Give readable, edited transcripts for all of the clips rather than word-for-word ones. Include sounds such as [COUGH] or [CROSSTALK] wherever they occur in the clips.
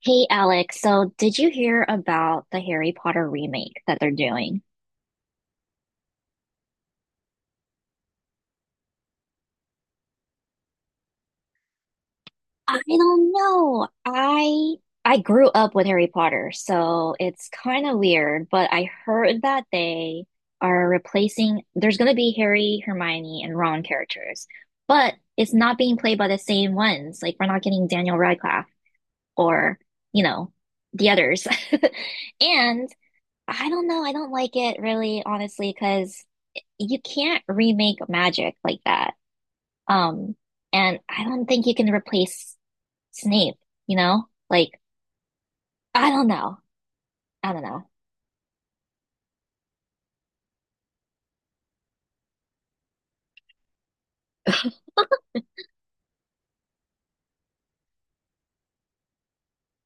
Hey Alex, so did you hear about the Harry Potter remake that they're doing? I don't know. I grew up with Harry Potter, so it's kind of weird, but I heard that they are replacing, there's going to be Harry, Hermione, and Ron characters, but it's not being played by the same ones. Like we're not getting Daniel Radcliffe or, you know, the others. [LAUGHS] And I don't know, I don't like it really, honestly, because you can't remake magic like that. Um, and I don't think you can replace Snape, you know? I don't know. I don't know.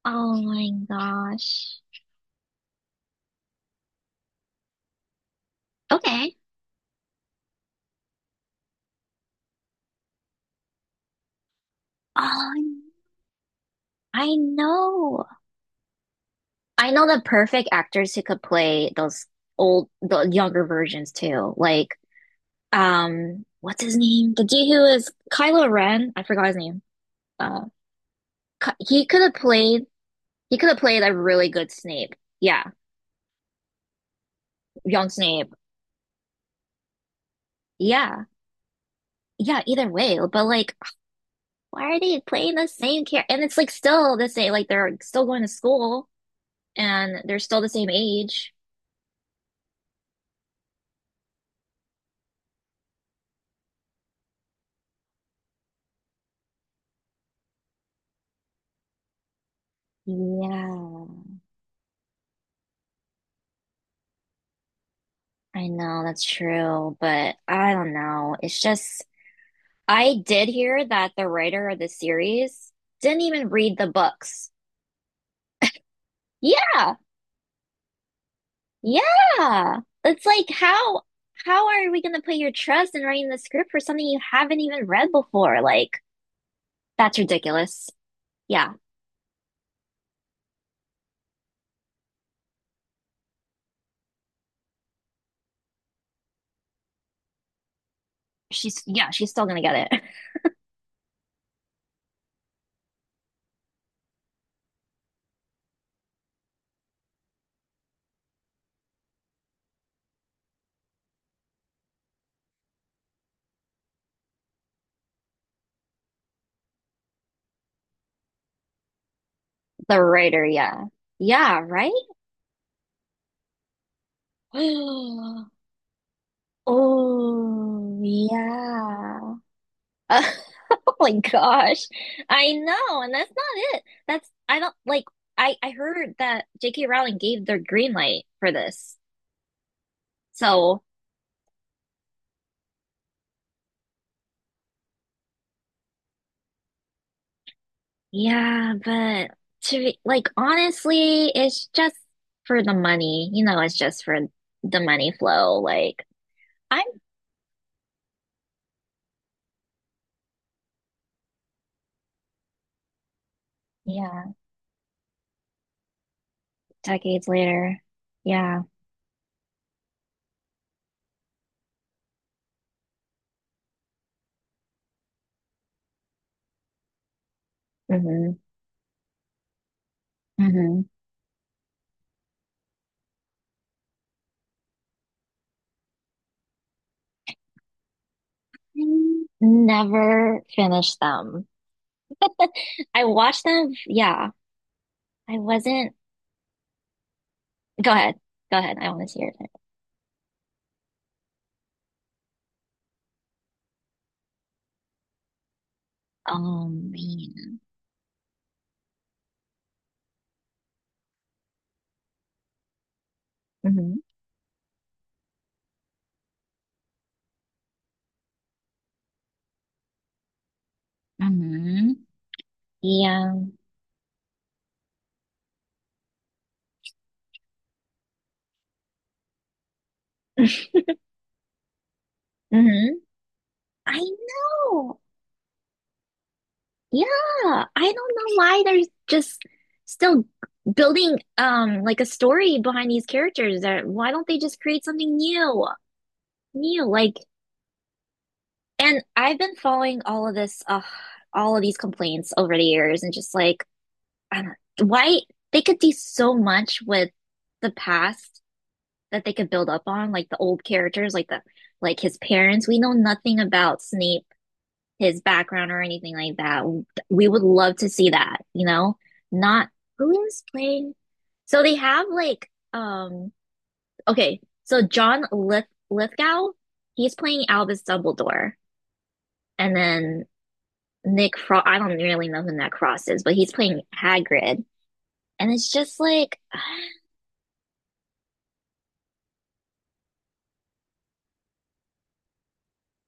Oh my gosh. Okay. Um, I know. I know the perfect actors who could play those old, the younger versions too. Like, what's his name? The dude who is Kylo Ren. I forgot his name. Uh, he could have played. He could have played a really good Snape. Yeah, young Snape. Yeah. Yeah, either way. But like, why are they playing the same character? And it's like still the same, like they're still going to school and they're still the same age. Yeah, I know that's true, but I don't know. It's just, I did hear that the writer of the series didn't even read the books. Yeah, yeah. It's like how are we gonna put your trust in writing the script for something you haven't even read before? Like, that's ridiculous. Yeah. She's Yeah, she's still gonna get it. [LAUGHS] The writer, yeah. Yeah, right? [GASPS] Oh, yeah. [LAUGHS] Oh my gosh. I know, and that's not it. That's I don't like I heard that J.K. Rowling gave their green light for this. So, yeah, but to be like honestly, it's just for the money. You know, it's just for the money flow. Like I'm Yeah, decades later. Yeah. hmm hmm Never finished them. I watched them. Yeah, I wasn't. Go ahead. Go ahead. I want to hear it. Oh man. Hmm hmm Yeah. [LAUGHS] hmm I know. Yeah. I don't know why they're just still building like a story behind these characters. That why don't they just create something new? New, like And I've been following all of this, all of these complaints over the years, and just like, I don't, why they could do so much with the past that they could build up on, like the old characters, like his parents. We know nothing about Snape, his background or anything like that. We would love to see that, you know? Not who is playing. So they have like, okay, so John Lith Lithgow, he's playing Albus Dumbledore, and then Nick Frost. I don't really know who Nick Frost is, but he's playing Hagrid, and it's just like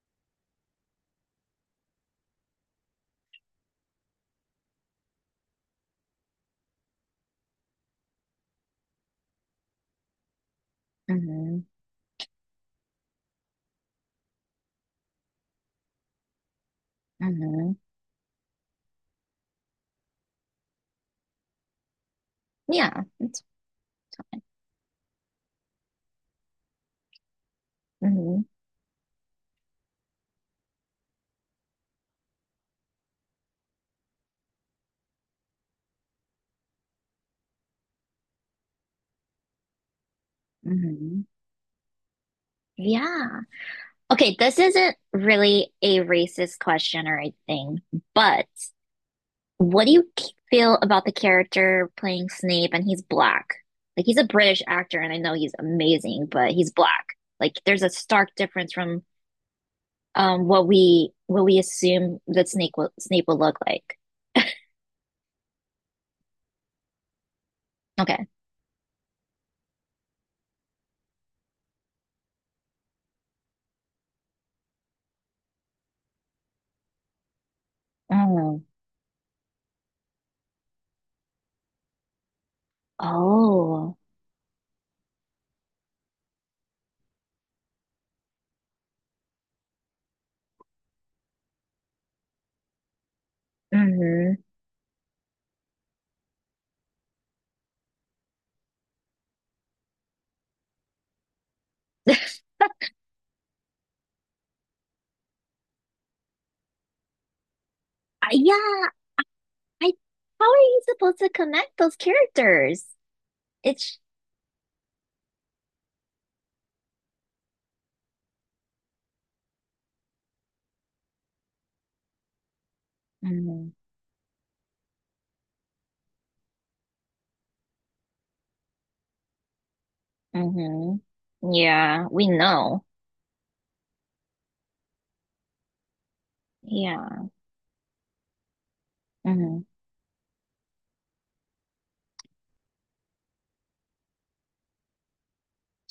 [SIGHS] hmm hmm Yeah. It's, hmm hmm Yeah. Okay, this isn't really a racist question or anything, but what do you feel about the character playing Snape and he's black? Like he's a British actor and I know he's amazing, but he's black. Like there's a stark difference from what we assume that Snape will look like. Okay. Oh. Oh. Mm-hmm. [LAUGHS] yeah, I how are you supposed to connect those characters? It's hmm hmm Yeah, we know. Yeah. hmm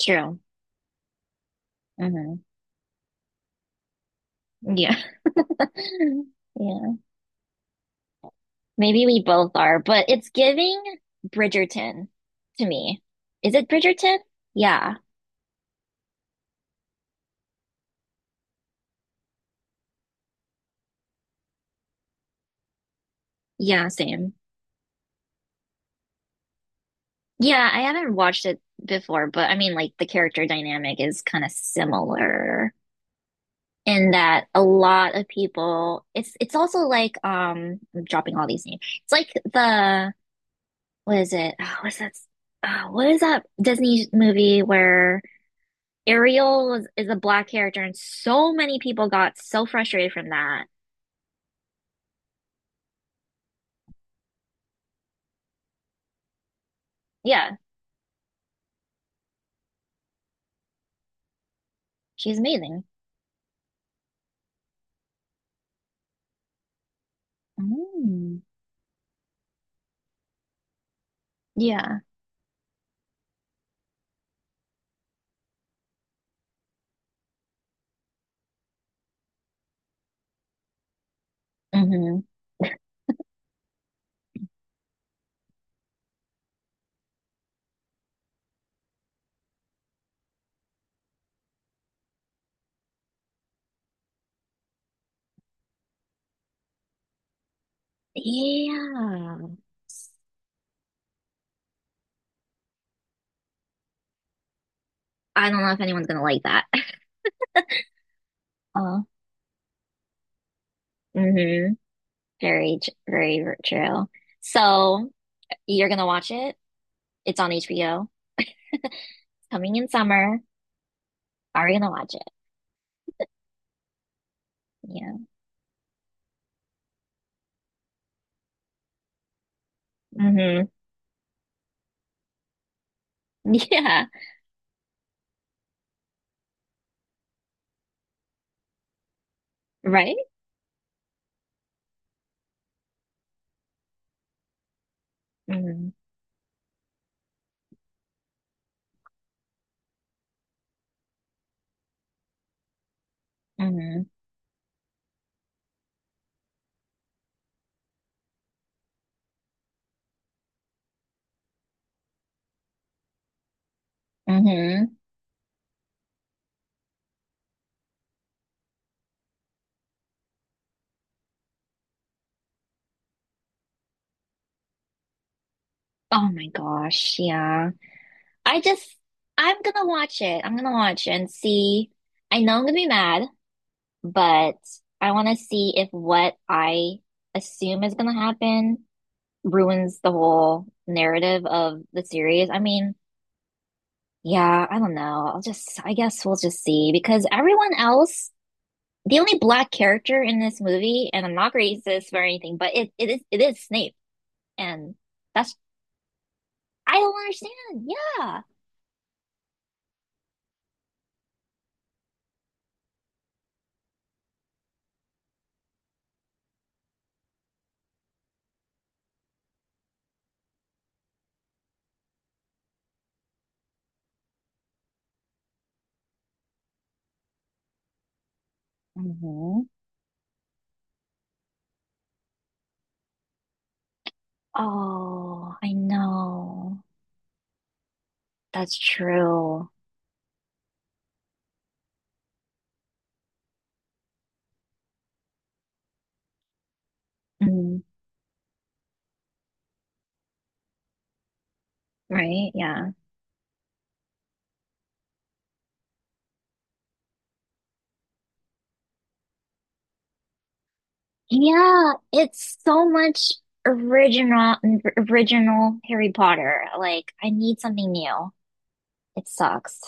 True. Hmm Yeah. Yeah, maybe we both are, but it's giving Bridgerton to me. Is it Bridgerton? Yeah, yeah, same. Yeah, I haven't watched it before, but I mean, like, the character dynamic is kind of similar in that a lot of people, it's also like, I'm dropping all these names. It's like the, what is it? Oh, what's that? Oh, what is that Disney movie where Ariel was, is a black character, and so many people got so frustrated from that. Yeah, she's amazing. Mm. Yeah. hmm Yeah. I don't know if anyone's gonna like that. [LAUGHS] Uh, hmm Very, very true. So you're gonna watch it. It's on HBO. [LAUGHS] Coming in summer. Are you gonna watch it? Yeah. hmm [LAUGHS] Yeah. Right? hmm hmm hmm Oh my gosh. Yeah. I just, I'm gonna watch it. I'm gonna watch and see. I know I'm gonna be mad, but I want to see if what I assume is gonna happen ruins the whole narrative of the series. I mean, yeah, I don't know. I'll just, I guess we'll just see because everyone else, the only black character in this movie, and I'm not racist or anything, but it is Snape, and that's, I don't understand. Yeah. hmm Oh, I know. That's true. Mm, right? Yeah. Yeah, it's so much original original Harry Potter. Like I need something new. It sucks.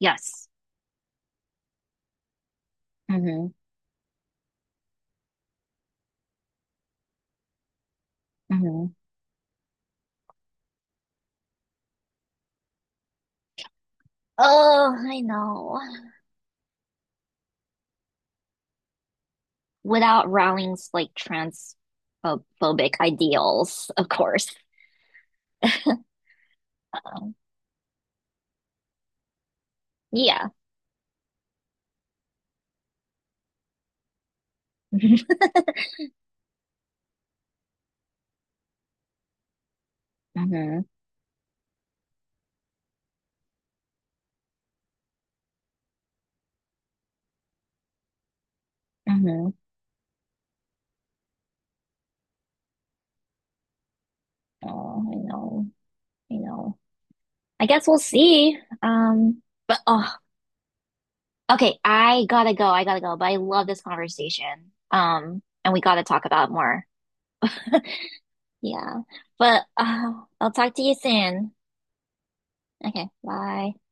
Yes. hmm hmm Oh, I know. Without Rowling's like transphobic ideals, of course. So, yeah. [LAUGHS] hmm hmm Oh, I know. I know. I guess we'll see. Okay, I gotta go. I gotta go. But I love this conversation. And we gotta talk about it more. [LAUGHS] Yeah. But I'll talk to you soon. Okay, bye.